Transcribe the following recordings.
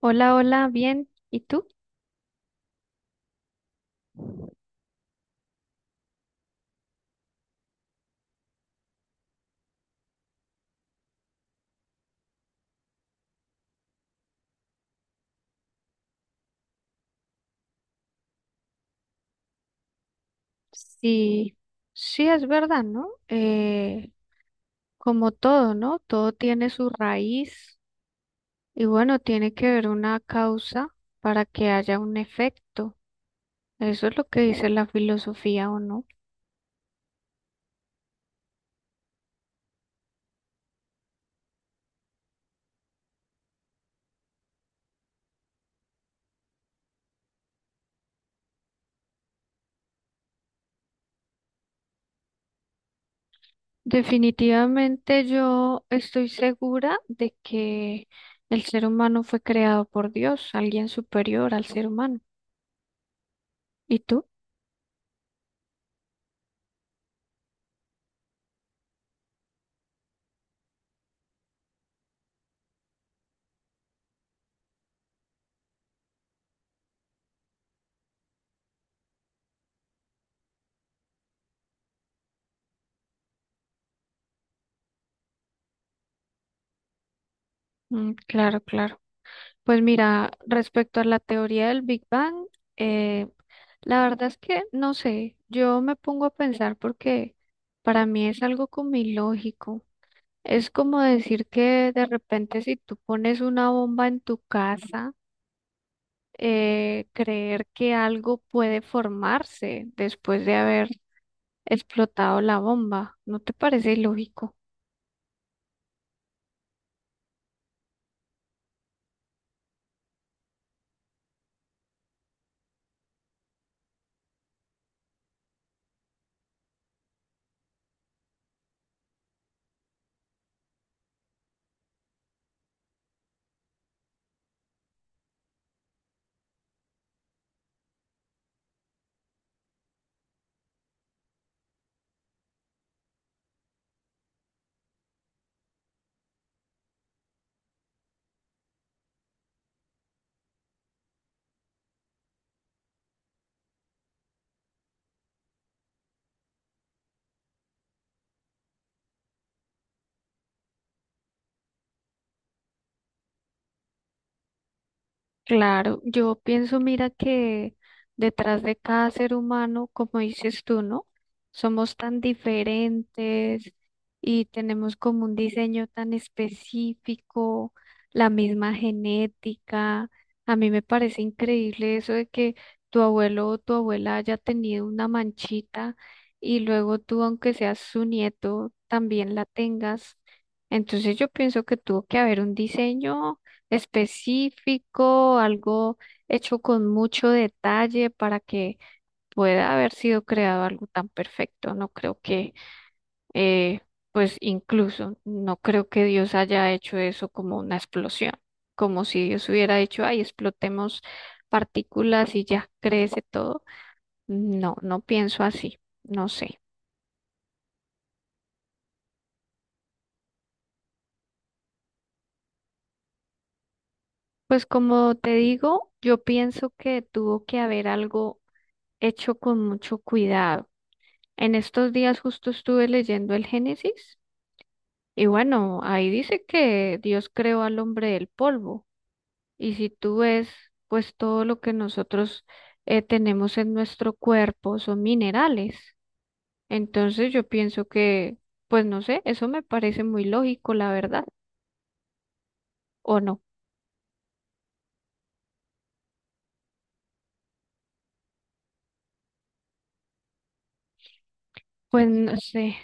Hola, hola, bien. ¿Y tú? Sí, sí es verdad, ¿no? Como todo, ¿no? Todo tiene su raíz. Y bueno, tiene que haber una causa para que haya un efecto. Eso es lo que dice la filosofía, ¿o no? Definitivamente yo estoy segura de que el ser humano fue creado por Dios, alguien superior al ser humano. ¿Y tú? Claro, claro. Pues mira, respecto a la teoría del Big Bang, eh, la verdad es que no sé, yo me pongo a pensar porque para mí es algo como ilógico. Es como decir que de repente si tú pones una bomba en tu casa, creer que algo puede formarse después de haber explotado la bomba, ¿no te parece ilógico? Claro, yo pienso, mira que detrás de cada ser humano, como dices tú, ¿no? Somos tan diferentes y tenemos como un diseño tan específico, la misma genética. A mí me parece increíble eso de que tu abuelo o tu abuela haya tenido una manchita y luego tú, aunque seas su nieto, también la tengas. Entonces yo pienso que tuvo que haber un diseño específico, algo hecho con mucho detalle para que pueda haber sido creado algo tan perfecto. No creo que, eh, pues incluso, no creo que Dios haya hecho eso como una explosión, como si Dios hubiera dicho, ay, explotemos partículas y ya crece todo. No, no pienso así, no sé. Pues como te digo, yo pienso que tuvo que haber algo hecho con mucho cuidado. En estos días justo estuve leyendo el Génesis y bueno, ahí dice que Dios creó al hombre del polvo. Y si tú ves, pues todo lo que nosotros tenemos en nuestro cuerpo son minerales. Entonces yo pienso que, pues no sé, eso me parece muy lógico, la verdad, ¿o no? Pues no sé.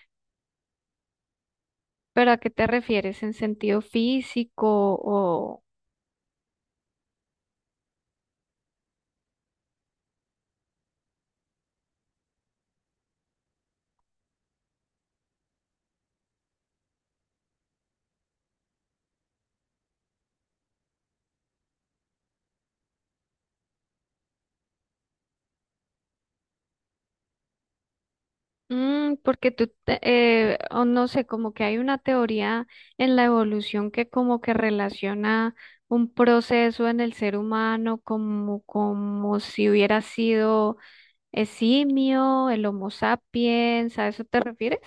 ¿Pero a qué te refieres? ¿En sentido físico o, porque o no sé, como que hay una teoría en la evolución que como que relaciona un proceso en el ser humano como, como si hubiera sido el simio, el Homo sapiens, ¿a eso te refieres?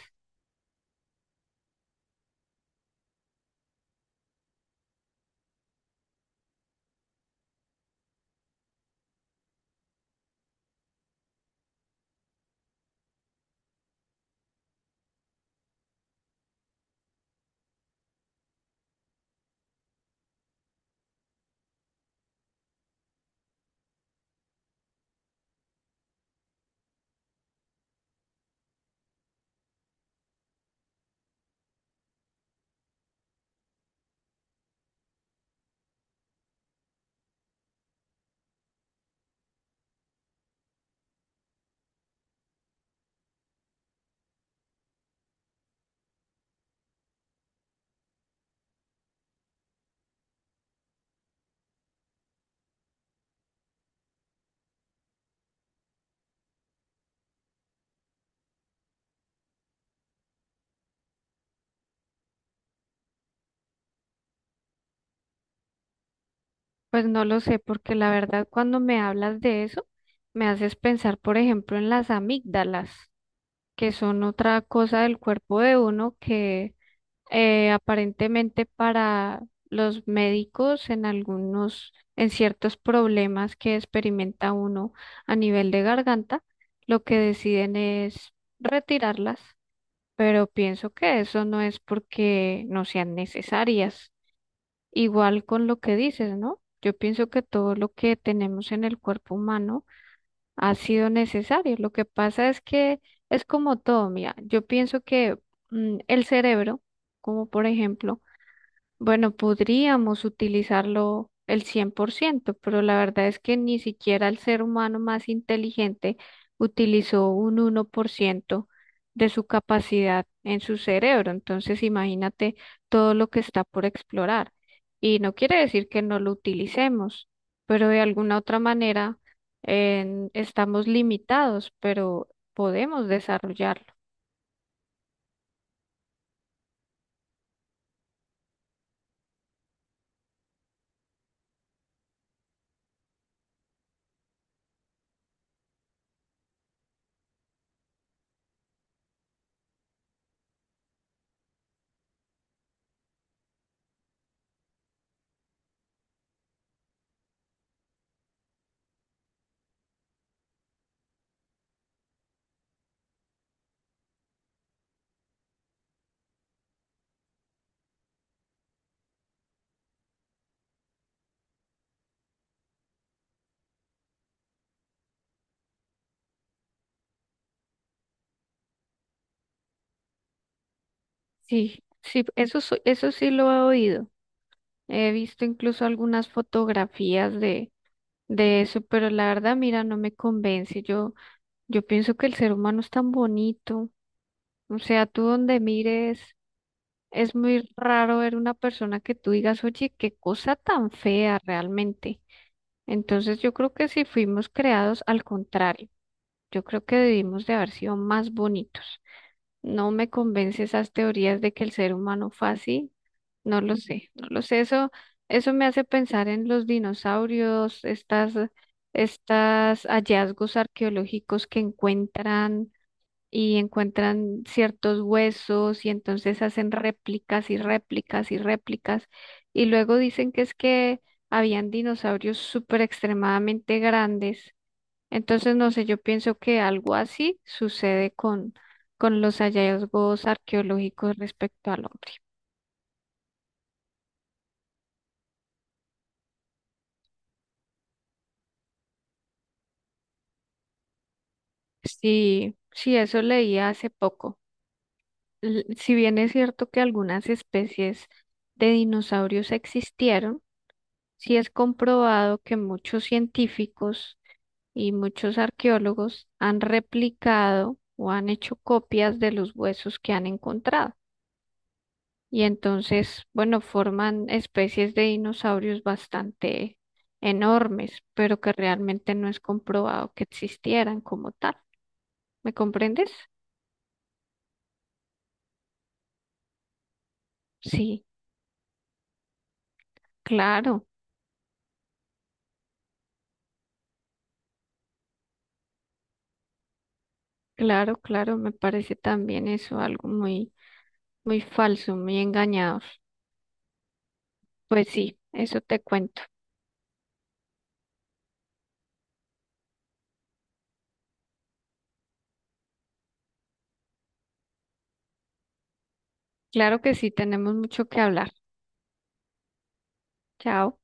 Pues no lo sé, porque la verdad cuando me hablas de eso, me haces pensar, por ejemplo, en las amígdalas, que son otra cosa del cuerpo de uno que aparentemente para los médicos en algunos, en ciertos problemas que experimenta uno a nivel de garganta, lo que deciden es retirarlas, pero pienso que eso no es porque no sean necesarias. Igual con lo que dices, ¿no? Yo pienso que todo lo que tenemos en el cuerpo humano ha sido necesario. Lo que pasa es que es como todo, mira, yo pienso que el cerebro, como por ejemplo, bueno, podríamos utilizarlo el 100%, pero la verdad es que ni siquiera el ser humano más inteligente utilizó un 1% de su capacidad en su cerebro. Entonces, imagínate todo lo que está por explorar. Y no quiere decir que no lo utilicemos, pero de alguna otra manera estamos limitados, pero podemos desarrollarlo. Sí, sí, eso, eso sí lo he oído. He visto incluso algunas fotografías de eso, pero la verdad, mira, no me convence. Yo pienso que el ser humano es tan bonito. O sea, tú donde mires, es muy raro ver una persona que tú digas, oye, qué cosa tan fea realmente. Entonces, yo creo que si fuimos creados al contrario, yo creo que debimos de haber sido más bonitos. No me convence esas teorías de que el ser humano fue así. No lo sé, no lo sé. Eso me hace pensar en los dinosaurios, estas, estas hallazgos arqueológicos que encuentran y encuentran ciertos huesos y entonces hacen réplicas y réplicas y réplicas. Y luego dicen que es que habían dinosaurios súper extremadamente grandes, entonces, no sé, yo pienso que algo así sucede con los hallazgos arqueológicos respecto al hombre. Sí, sí, eso leí hace poco. Si bien es cierto que algunas especies de dinosaurios existieron, sí es comprobado que muchos científicos y muchos arqueólogos han replicado o han hecho copias de los huesos que han encontrado, y entonces, bueno, forman especies de dinosaurios bastante enormes, pero que realmente no es comprobado que existieran como tal. ¿Me comprendes? Sí, claro, claro, claro, me parece también eso algo muy, muy falso, muy engañador. Pues sí, eso te cuento. Claro que sí, tenemos mucho que hablar. Chao.